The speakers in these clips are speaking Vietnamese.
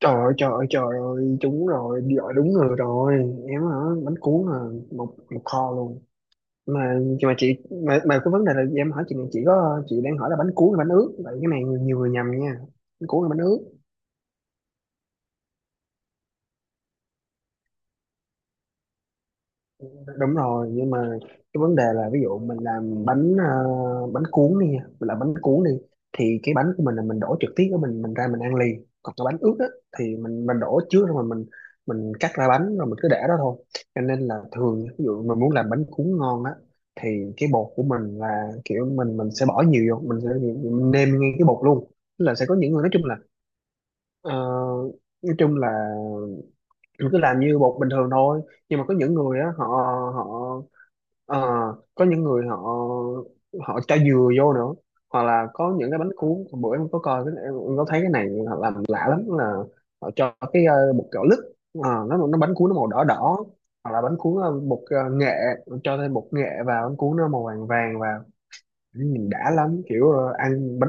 Trời ơi, trời ơi, trời ơi, trúng rồi, đi gọi đúng người rồi. Em hả, bánh cuốn là một một kho luôn. Mà chị mà cái vấn đề là em hỏi chị này, chị đang hỏi là bánh cuốn hay bánh ướt. Vậy cái này nhiều người nhầm nha. Bánh cuốn là bánh ướt. Đúng rồi, nhưng mà cái vấn đề là ví dụ mình làm bánh cuốn đi nha, mình làm bánh cuốn đi thì cái bánh của mình là mình đổ trực tiếp của mình ra mình ăn liền, còn cái bánh ướt á thì mình đổ trước rồi, mà mình cắt ra bánh rồi mình cứ để đó thôi. Cho nên là thường ví dụ mình muốn làm bánh cuốn ngon á thì cái bột của mình là kiểu mình sẽ bỏ nhiều vô, mình nêm ngay cái bột luôn. Tức là sẽ có những người, ờ, nói chung là cứ làm như bột bình thường thôi, nhưng mà có những người á, họ họ ờ, có những người họ họ cho dừa vô nữa. Hoặc là có những cái bánh cuốn. Hôm bữa em có coi cái, em có thấy cái này họ làm lạ lắm, là họ cho bột gạo lứt. Ờ, nó bánh cuốn nó màu đỏ đỏ, hoặc là bánh cuốn bột nghệ, cho thêm bột nghệ vào bánh cuốn nó màu vàng vàng vào, nhìn đã lắm, kiểu ăn.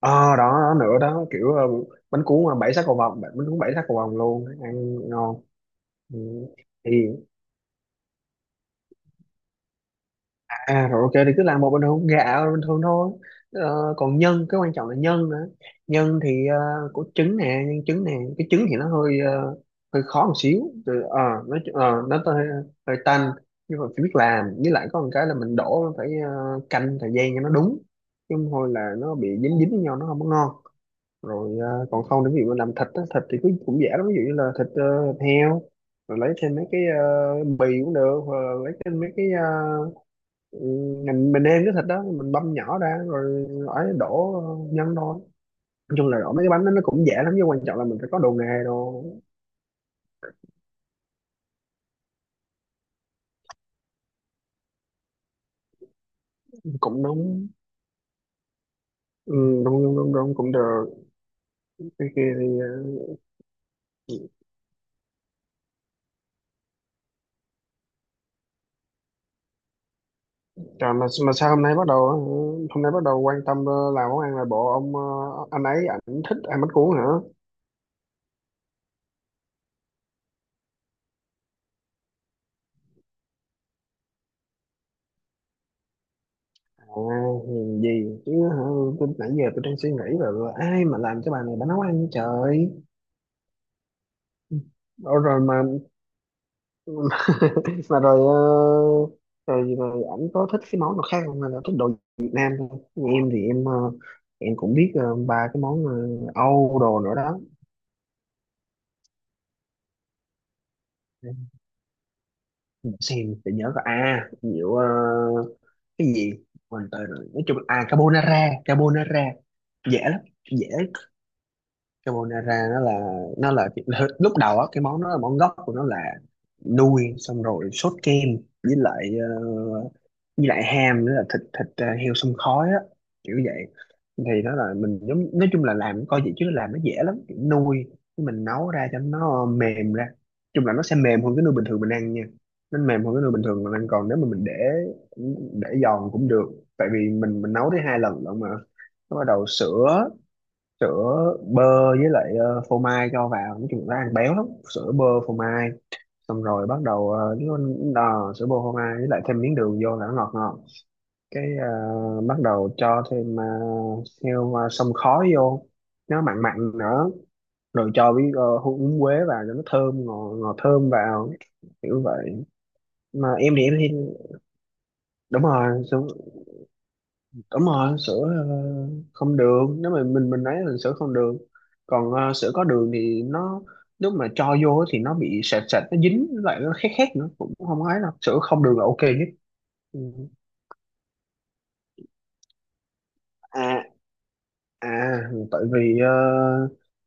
Ờ đó, đó nữa đó, kiểu bánh cuốn mà bảy sắc cầu vồng, bánh cuốn bảy sắc cầu vồng luôn ăn ngon. Ừ. Thì à rồi, ok, thì cứ làm một bình thường, gạo bình thường thôi. Còn nhân, cái quan trọng là nhân nữa. Nhân thì có trứng nè, nhân trứng nè. Cái trứng thì hơi khó một xíu. Từ, ờ, nó ờ, Nó hơi, hơi tanh, nhưng mà phải biết làm, với lại có một cái là mình đổ phải, canh thời gian cho nó đúng, chứ không thôi là nó bị dính dính với nhau, nó không có ngon. Rồi à, còn không, nếu ví dụ mà làm thịt á, thịt thì cũng, cũng dễ lắm, ví dụ như là thịt heo, rồi lấy thêm mấy bì cũng được, hoặc là lấy thêm mấy cái, uh, mình nêm cái thịt đó, mình băm nhỏ ra rồi ấy, đổ nhân thôi. Nói chung là đổ mấy cái bánh đó nó cũng dễ lắm, nhưng quan trọng là mình phải có đồ nghề đồ. Cũng nóng. Ừ, đúng đúng đúng đúng, cũng được. Cái kia thì ờ, Trời, mà sao hôm nay bắt đầu, hôm nay bắt đầu quan tâm, làm món ăn, là bộ ông, anh ấy, ảnh thích ăn bánh cuốn hả? À, nhìn gì chứ hả? Tôi nãy giờ tôi đang suy nghĩ là ai mà làm cho bà này, bà nấu ăn vậy trời. Ủa rồi mà mà rồi ờ, rồi rồi ảnh có thích cái món nào khác không, hay là thích đồ Việt Nam thôi. Như em thì em cũng biết, ba cái món, Âu đồ nữa đó. Để xem để nhớ có, à nhiều, cái gì, mình tới rồi, nói chung là à, carbonara, carbonara. Dễ lắm, dễ. Carbonara nó là, nó là lúc đầu á, cái món nó là món gốc của nó là nuôi xong rồi sốt kem, với lại ờ, với lại ham nữa, là thịt thịt ờ, heo xông khói á, kiểu vậy. Thì nó là mình giống, nói chung là làm coi vậy chứ làm nó dễ lắm, kiểu nuôi, cái mình nấu ra cho nó mềm ra, chung là nó sẽ mềm hơn cái nuôi bình thường mình ăn nha. Nó mềm hơn cái nuôi bình thường mình ăn, còn nếu mà mình để giòn cũng được, tại vì mình nấu tới hai lần lận mà. Nó bắt đầu sữa, sữa bơ, với lại phô mai cho vào, nói chung là ăn béo lắm. Sữa bơ phô mai, xong rồi bắt đầu nó đò sữa bơ phô mai, với lại thêm miếng đường vô là nó ngọt ngọt. Bắt đầu cho thêm heo, xông khói vô, nó mặn mặn nữa. Rồi cho với, húng quế vào cho nó thơm, ngọt ngọt thơm vào, kiểu vậy. Mà em thì em thì, đúng rồi, đúng rồi sữa, ờ, không đường. Nếu mà mình lấy là sữa không đường, còn sữa có đường thì nó, lúc mà cho vô thì nó bị sệt sệt, nó dính lại, nó khét khét nữa, cũng không ấy đâu. Sữa không đường là ok nhất. Ừ. À, à, tại vì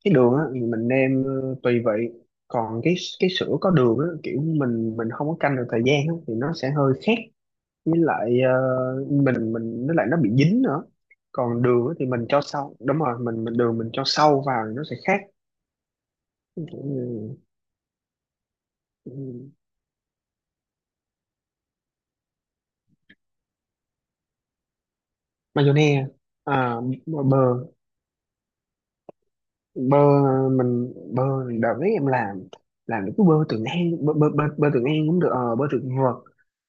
cái đường á thì mình nêm, tùy vị. Còn cái sữa có đường á, kiểu mình không có canh được thời gian á, thì nó sẽ hơi khét, với lại mình với lại nó bị dính nữa. Còn đường á thì mình cho sau, đúng rồi, mình đường mình cho sâu vào thì nó sẽ khác. Kiểu như, ừ, mayonnaise. À, bơ bơ bơ, mình bơ, đợt đấy em làm những cái bơ Trường An, bơ Trường An cũng được, bơ Trường Vượt.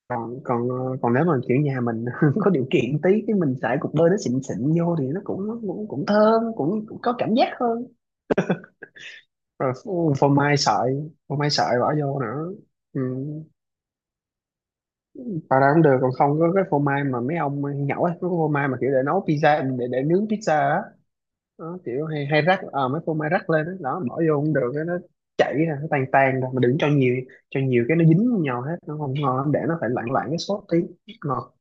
Còn còn ờ, còn nếu mà kiểu nhà mình có điều kiện tí cái mình xài cục bơ nó xịn xịn vô thì nó cũng cũng cũng thơm, cũng, cũng có cảm giác hơn. Rồi phô mai sợi, phô mai sợi bỏ vô nữa. Ừ, bà ra cũng được, còn không có cái phô mai mà mấy ông nhậu ấy, có phô mai mà kiểu để nấu pizza, để nướng pizza á, đó, kiểu hay, hay rắc mấy phô mai rắc lên đó, đó bỏ vô cũng được, cái nó chảy ra, nó tan tan ra. Mà đừng cho nhiều, cho nhiều cái nó dính vô nhau hết, nó không ngon lắm, để nó phải lạng lạng cái sốt tí ngọt.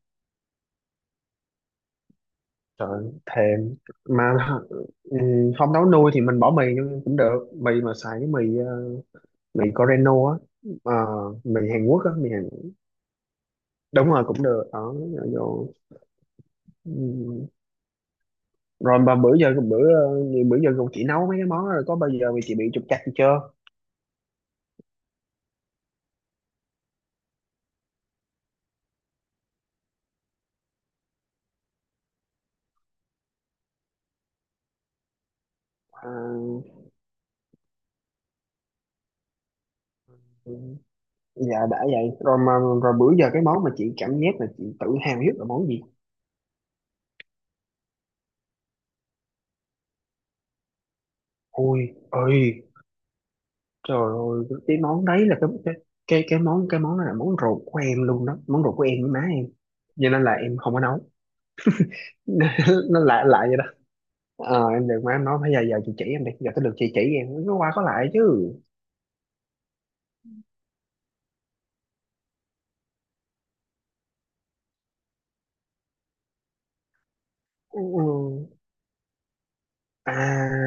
Trời thèm. Mà ừ, không nấu nuôi thì mình bỏ mì vô cũng được, mì mà xài cái mì Coreno á. Ờ, mì Hàn Quốc á, mì Hàn, đúng rồi cũng được ở. Rồi, rồi mà bữa giờ còn chị nấu mấy cái món đó rồi có bao giờ mà chị bị trục trặc gì chưa? À, dạ đã vậy rồi mà, rồi bữa giờ cái món mà chị cảm giác là chị tự hào nhất là món gì? Ôi ơi, trời ơi cái món đấy là cái cái món, cái món đó là món ruột của em luôn đó, món ruột của em với má em, cho nên là em không có nấu. Nó lạ lạ vậy đó. Ờ, em được má em nói bây giờ, giờ chị chỉ em đi, giờ tới lượt chị chỉ em, nó qua có lại chứ. Ừ. Ừ. À,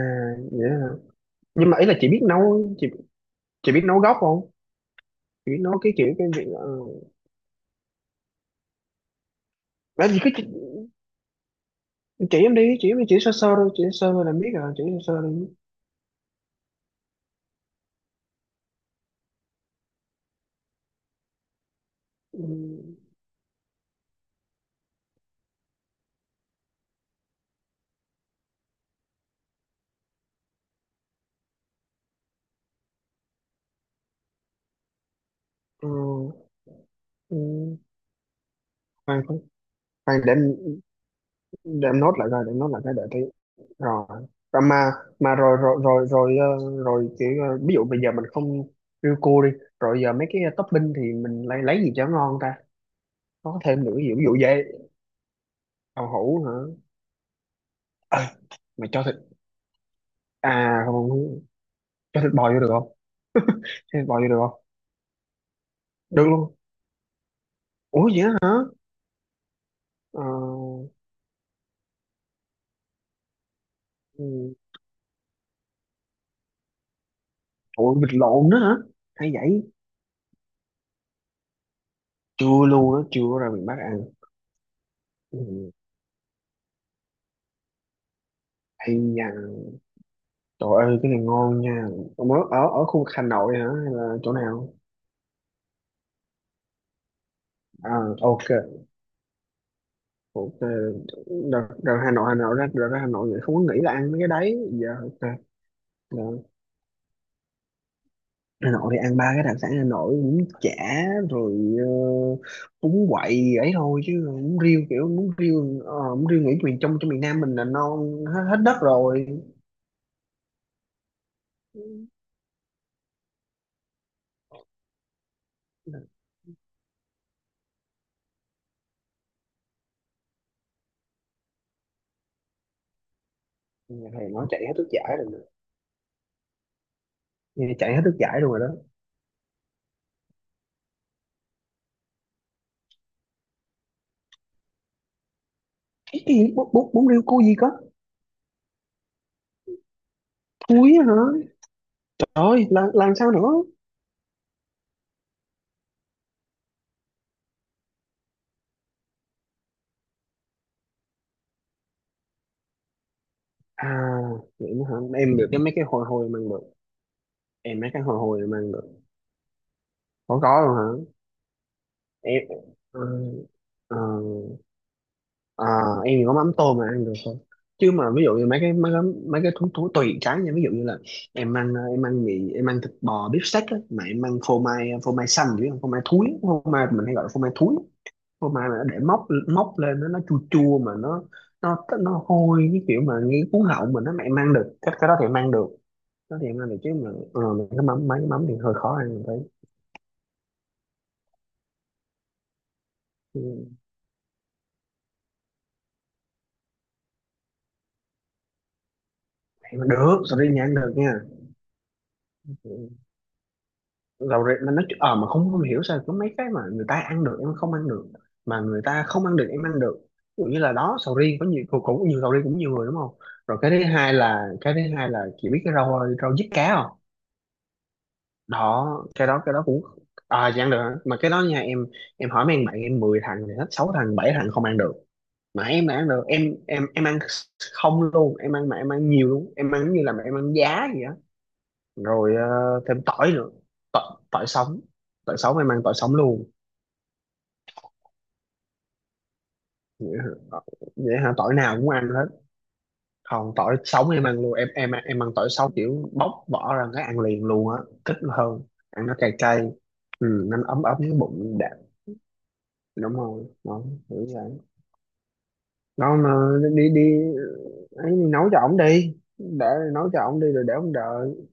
vậy hả? Nhưng mà ý là chị biết nấu, chị biết nấu gốc không? Chị biết nấu cái kiểu cái việc, là gì cứ chị, chỉ em đi, chỉ em đi, chỉ sơ sơ thôi, chỉ sơ thôi là biết rồi, chỉ sơ sơ đi. Ừ, ừ, ừ. Khoan, khoan, khoan, để em, để em nốt lại coi, để em nốt lại cái đợi tí. Rồi. Và mà rồi rồi rồi kiểu ví dụ bây giờ mình không, riêu cua đi, rồi giờ mấy cái topping thì mình lấy gì cho ngon ta? Có thêm nữa, ví dụ vậy, tàu hũ hả? Ờ, mà cho thịt, à không, cho thịt bò vô được không? Cho thịt bò vô được không? Được luôn, ủa vậy đó hả. Ờ. Ừ. Ủa vịt lộn nữa hả? Hay vậy. Chưa luôn á, chưa có ra miền Bắc ăn. Ừ. Hay nha, trời ơi cái này ngon nha. Ông ở ở ở khu vực Hà Nội hả, hay là chỗ nào? À, ok, ok. Đợt, đợt Hà Nội, Hà Nội ra, đợt ra Hà Nội vậy không có nghĩ là ăn mấy cái đấy giờ, ok. Dạ. Hà Nội thì ăn ba cái đặc sản Hà Nội, bún chả, rồi uh, bún quậy ấy thôi, chứ bún riêu, kiểu bún riêu, bún riêu nghĩ miền trong, trong miền Nam mình là non hết, hết đất rồi. Nhà thầy nó chạy hết nước giải rồi nè. Nghe chạy hết nước giải luôn rồi đó. Cái gì bún, bún riêu cô gì có? Thúi á hả? Trời, làm sao nữa? À vậy nữa hả, em được cái mấy cái hồi hồi mang được. Em mấy cái hồi hồi mang được. Có luôn hả? Em, ờ, ờ, À, em thì có mắm tôm mà ăn được thôi. Chứ mà ví dụ như mấy cái mấy cái thú thú tùy cái nha, ví dụ như là em ăn, em ăn mì, em ăn thịt bò beef steak á, mà em ăn phô mai, phô mai xanh chứ không phô mai thúi, phô mai mình hay gọi là phô mai thúi. Phô mai mà nó để móc móc lên, nó chua chua, mà nó, nó hôi, cái kiểu mà nghe cuốn họng mình nó, mà em ăn được cái đó thì em ăn được. Đó thì em ăn được, chứ mà mấy cái mắm, mấy cái mắm thì hơi khó ăn, mình thấy. Ừ, em ăn được, sorry nha, ăn được nha. Ừ. Rau rẹ mà nó mà không, không hiểu sao có mấy cái mà người ta ăn được em không ăn được, mà người ta không ăn được em ăn được, ví dụ như là đó sầu riêng, có nhiều cũng, cũng nhiều sầu riêng, cũng nhiều người đúng không. Rồi cái thứ hai là, cái thứ hai là chị biết cái rau rau diếp cá không? Đó, cái đó cũng, à chị ăn được hả? Mà cái đó nha em hỏi mấy anh bạn em, 10 thằng thì hết 6 thằng 7 thằng không ăn được, mà em mà ăn được, em ăn không luôn, em ăn mà em ăn nhiều luôn, em ăn như là mà em ăn giá vậy á. Rồi, ờ, thêm tỏi nữa, tỏi, tỏi sống, tỏi sống em ăn tỏi sống luôn. Vậy hả? Ờ, vậy hả, tỏi nào cũng ăn hết. Còn tỏi sống em ăn luôn, em ăn tỏi sống kiểu bóc vỏ ra cái ăn liền luôn á, thích hơn, ăn nó cay cay. Ừ, nó ấm ấm cái bụng đẹp. Đúng rồi nó, kiểu vậy. Nó mà đi đi, ấy nấu cho ổng đi, để nấu cho ổng đi rồi để ổng đợi.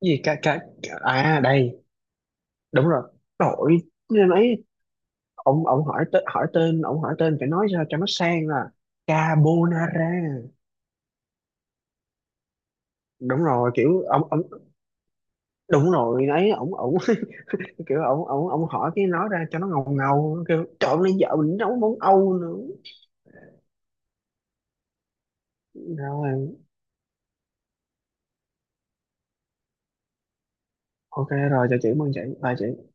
Cái gì, ca, ca, à đây, đúng rồi. Đổi ấy, ông hỏi tên, hỏi tên, ông hỏi tên phải nói sao cho nó sang, là carbonara. Đúng rồi kiểu ông, đúng rồi ấy ông kiểu ông hỏi cái nói ra cho nó ngầu ngầu, kiểu trộn lên vợ mình nấu món Âu nữa. Rồi ok, rồi chào chị, mừng chị, bye chị.